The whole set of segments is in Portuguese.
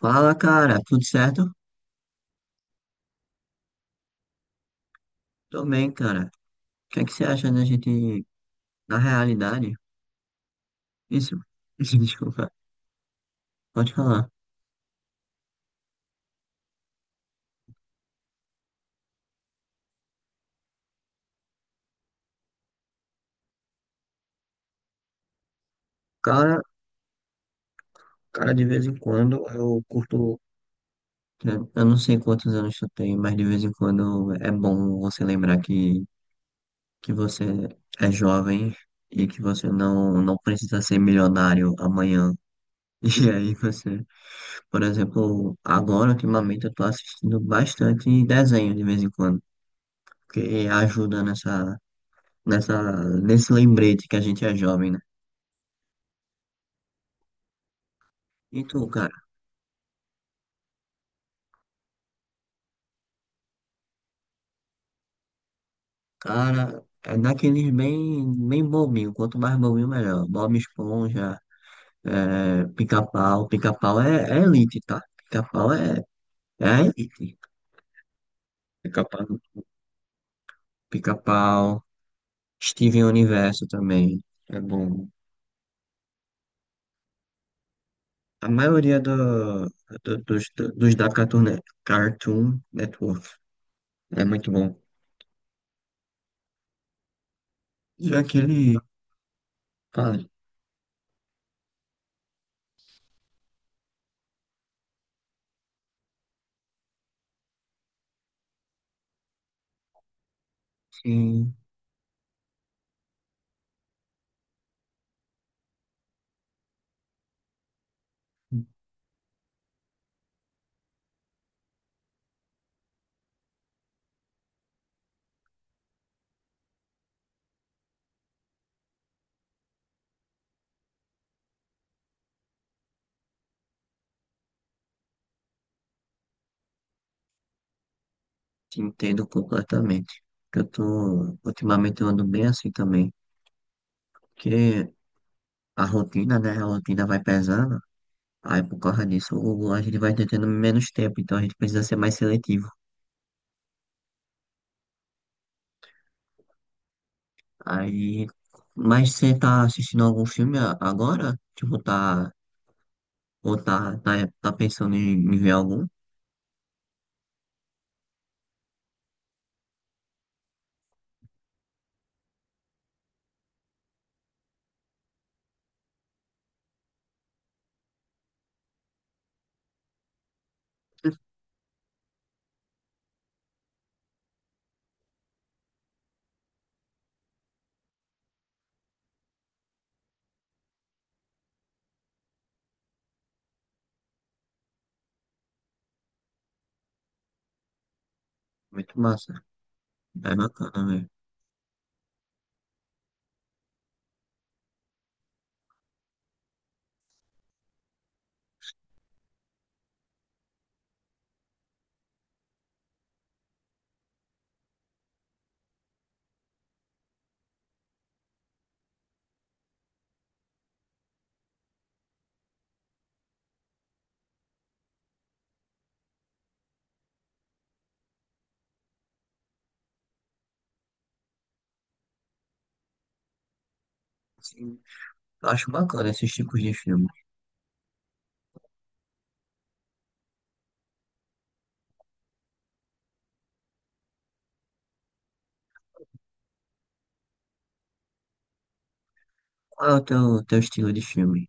Fala, cara, tudo certo? Tô bem, cara. O que é que você acha da gente, na realidade? Isso, desculpa, pode falar. Cara, cara, de vez em quando eu curto, né, eu não sei quantos anos tu tem, mas de vez em quando é bom você lembrar que você é jovem e que você não precisa ser milionário amanhã. E aí você, por exemplo, agora ultimamente eu tô assistindo bastante desenho de vez em quando, porque ajuda nesse lembrete que a gente é jovem, né? E tu, cara? Cara, é naqueles bem, bem bobinho. Quanto mais bobinho, melhor. Bob Esponja, Pica-Pau. Pica-Pau é elite, tá? Pica-Pau é a elite. Pica-Pau, Pica-Pau, Steven Universo também. É bom. A maioria do- dos, dos da Cartoon Network é muito bom. E aquele, cara, sim. Te entendo completamente. Ultimamente eu ando bem assim também, porque a rotina, né, a rotina vai pesando, aí por causa disso a gente vai tendo menos tempo, então a gente precisa ser mais seletivo. Aí, mas você tá assistindo algum filme agora? Tipo, ou tá, tá, tá pensando em ver algum? Muito massa, é bacana, velho. Sim, eu acho bacana esses tipos de filme. Qual é o teu estilo de filme?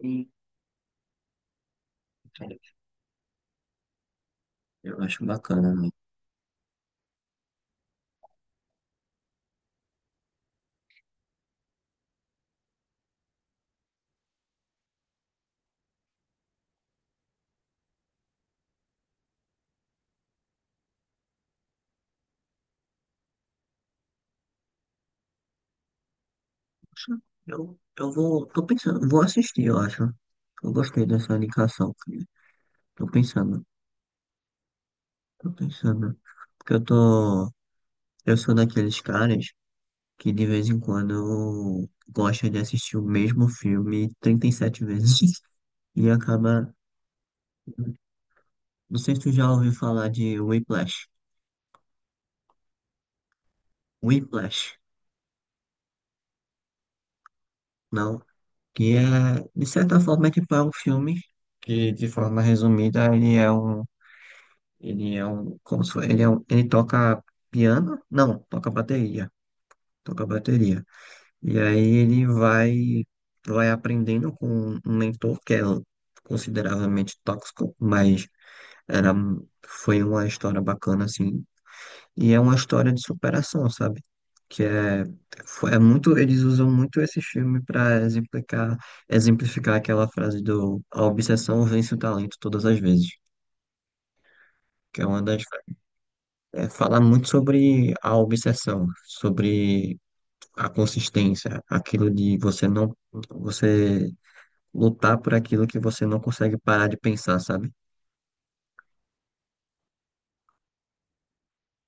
Sim, eu acho bacana, né? Poxa, eu vou, tô pensando, vou assistir, eu acho. Eu gostei dessa indicação. Tô pensando, tô pensando. Porque eu sou daqueles caras que de vez em quando gosta de assistir o mesmo filme 37 vezes e acaba. Não sei se tu já ouviu falar de Whiplash. Whiplash, não? Que é, de certa forma, é tipo, é um filme que, de forma resumida, Ele é um, como se, ele toca piano? Não, toca bateria, toca bateria. E aí ele vai aprendendo com um mentor que é consideravelmente tóxico, mas era, foi uma história bacana assim. E é uma história de superação, sabe? Que é muito, eles usam muito esse filme para exemplificar aquela frase do a obsessão vence o talento todas as vezes, que é uma das é falar muito sobre a obsessão, sobre a consistência, aquilo de você não, você lutar por aquilo que você não consegue parar de pensar, sabe?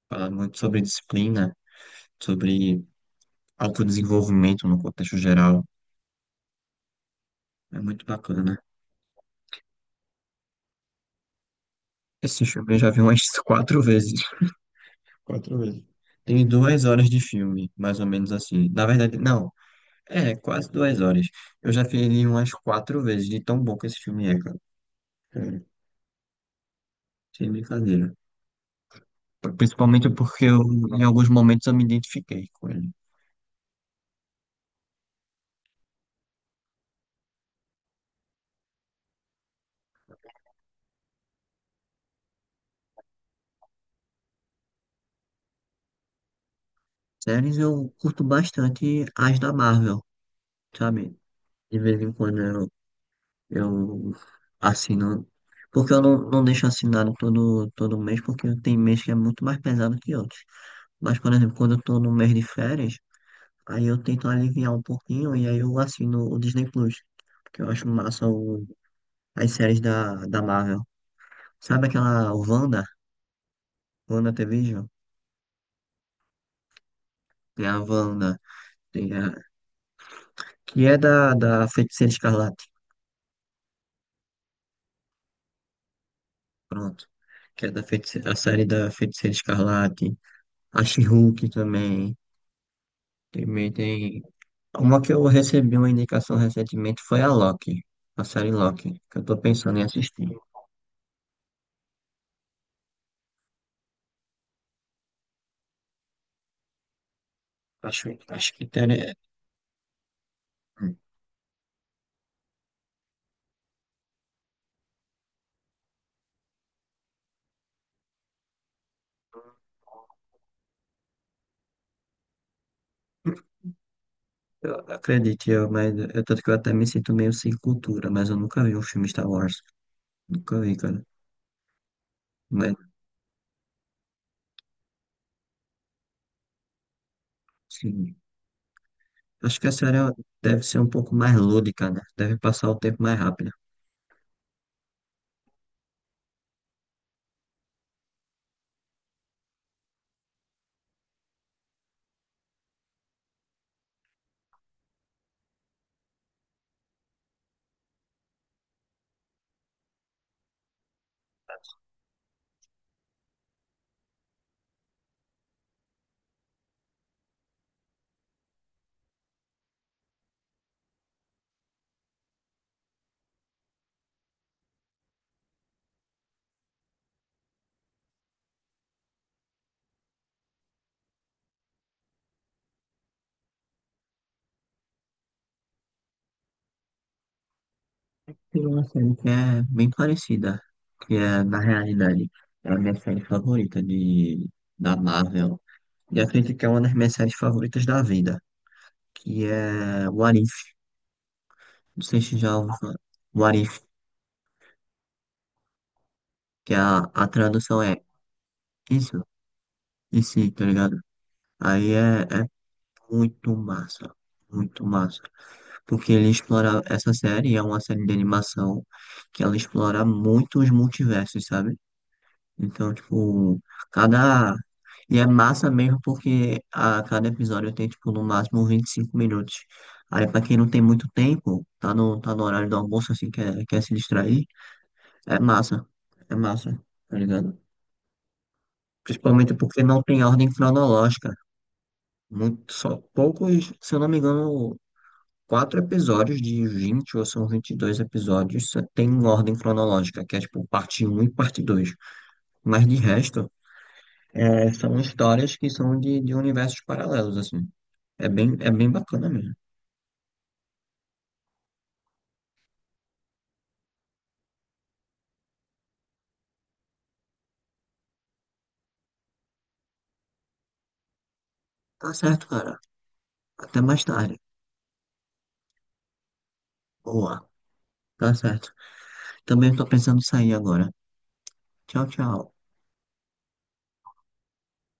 Falar muito sobre disciplina, sobre autodesenvolvimento no contexto geral. É muito bacana. Esse filme eu já vi umas quatro vezes. Quatro vezes. Tem duas horas de filme, mais ou menos assim. Na verdade, não. É, quase 2 horas. Eu já vi ele umas quatro vezes, de tão bom que esse filme é, cara. Sério, sem brincadeira. Principalmente porque em alguns momentos eu me identifiquei com ele. Séries eu curto bastante as da Marvel, sabe? De vez em quando eu assino. Porque eu não deixo assinado todo mês, porque tem mês que é muito mais pesado que outros. Mas, por exemplo, quando eu tô no mês de férias, aí eu tento aliviar um pouquinho e aí eu assino o Disney Plus. Porque eu acho massa as séries da Marvel. Sabe aquela Wanda? Wanda TV? Tem a Wanda. Tem a, Que é da Feiticeira Escarlate. Pronto. Que é da feiticeira, a série da Feiticeira Escarlate. A She-Hulk também. Também tem. Uma que eu recebi uma indicação recentemente foi a Loki. A série Loki. Que eu tô pensando em assistir. Acho que teria. Eu acredito, mas tanto que eu até me sinto meio sem cultura, mas eu nunca vi um filme Star Wars. Nunca vi, cara. Mas, sim. Acho que a série deve ser um pouco mais lúdica, né? Deve passar o tempo mais rápido. Tem uma série que é bem parecida, que é, na realidade, é a minha série favorita da Marvel. E acredito que é uma das minhas séries favoritas da vida, que é What If. Não sei se já ouviu falar. What If, que é a tradução é isso, e sim, tá ligado? Aí é muito massa, muito massa. Porque ele explora essa série, é uma série de animação que ela explora muito os multiversos, sabe? Então, tipo, cada. E é massa mesmo porque a cada episódio tem, tipo, no máximo 25 minutos. Aí, pra quem não tem muito tempo, tá no horário do almoço, assim, quer se distrair, é massa. É massa, tá ligado? Principalmente porque não tem ordem cronológica. Só poucos, se eu não me engano, quatro episódios de 20 ou são 22 episódios só tem ordem cronológica, que é, tipo, parte um e parte dois. Mas de resto. É, são histórias que são de universos paralelos, assim. É bem bacana mesmo. Tá certo, cara. Até mais tarde. Boa. Tá certo. Também tô pensando em sair agora. Tchau, tchau.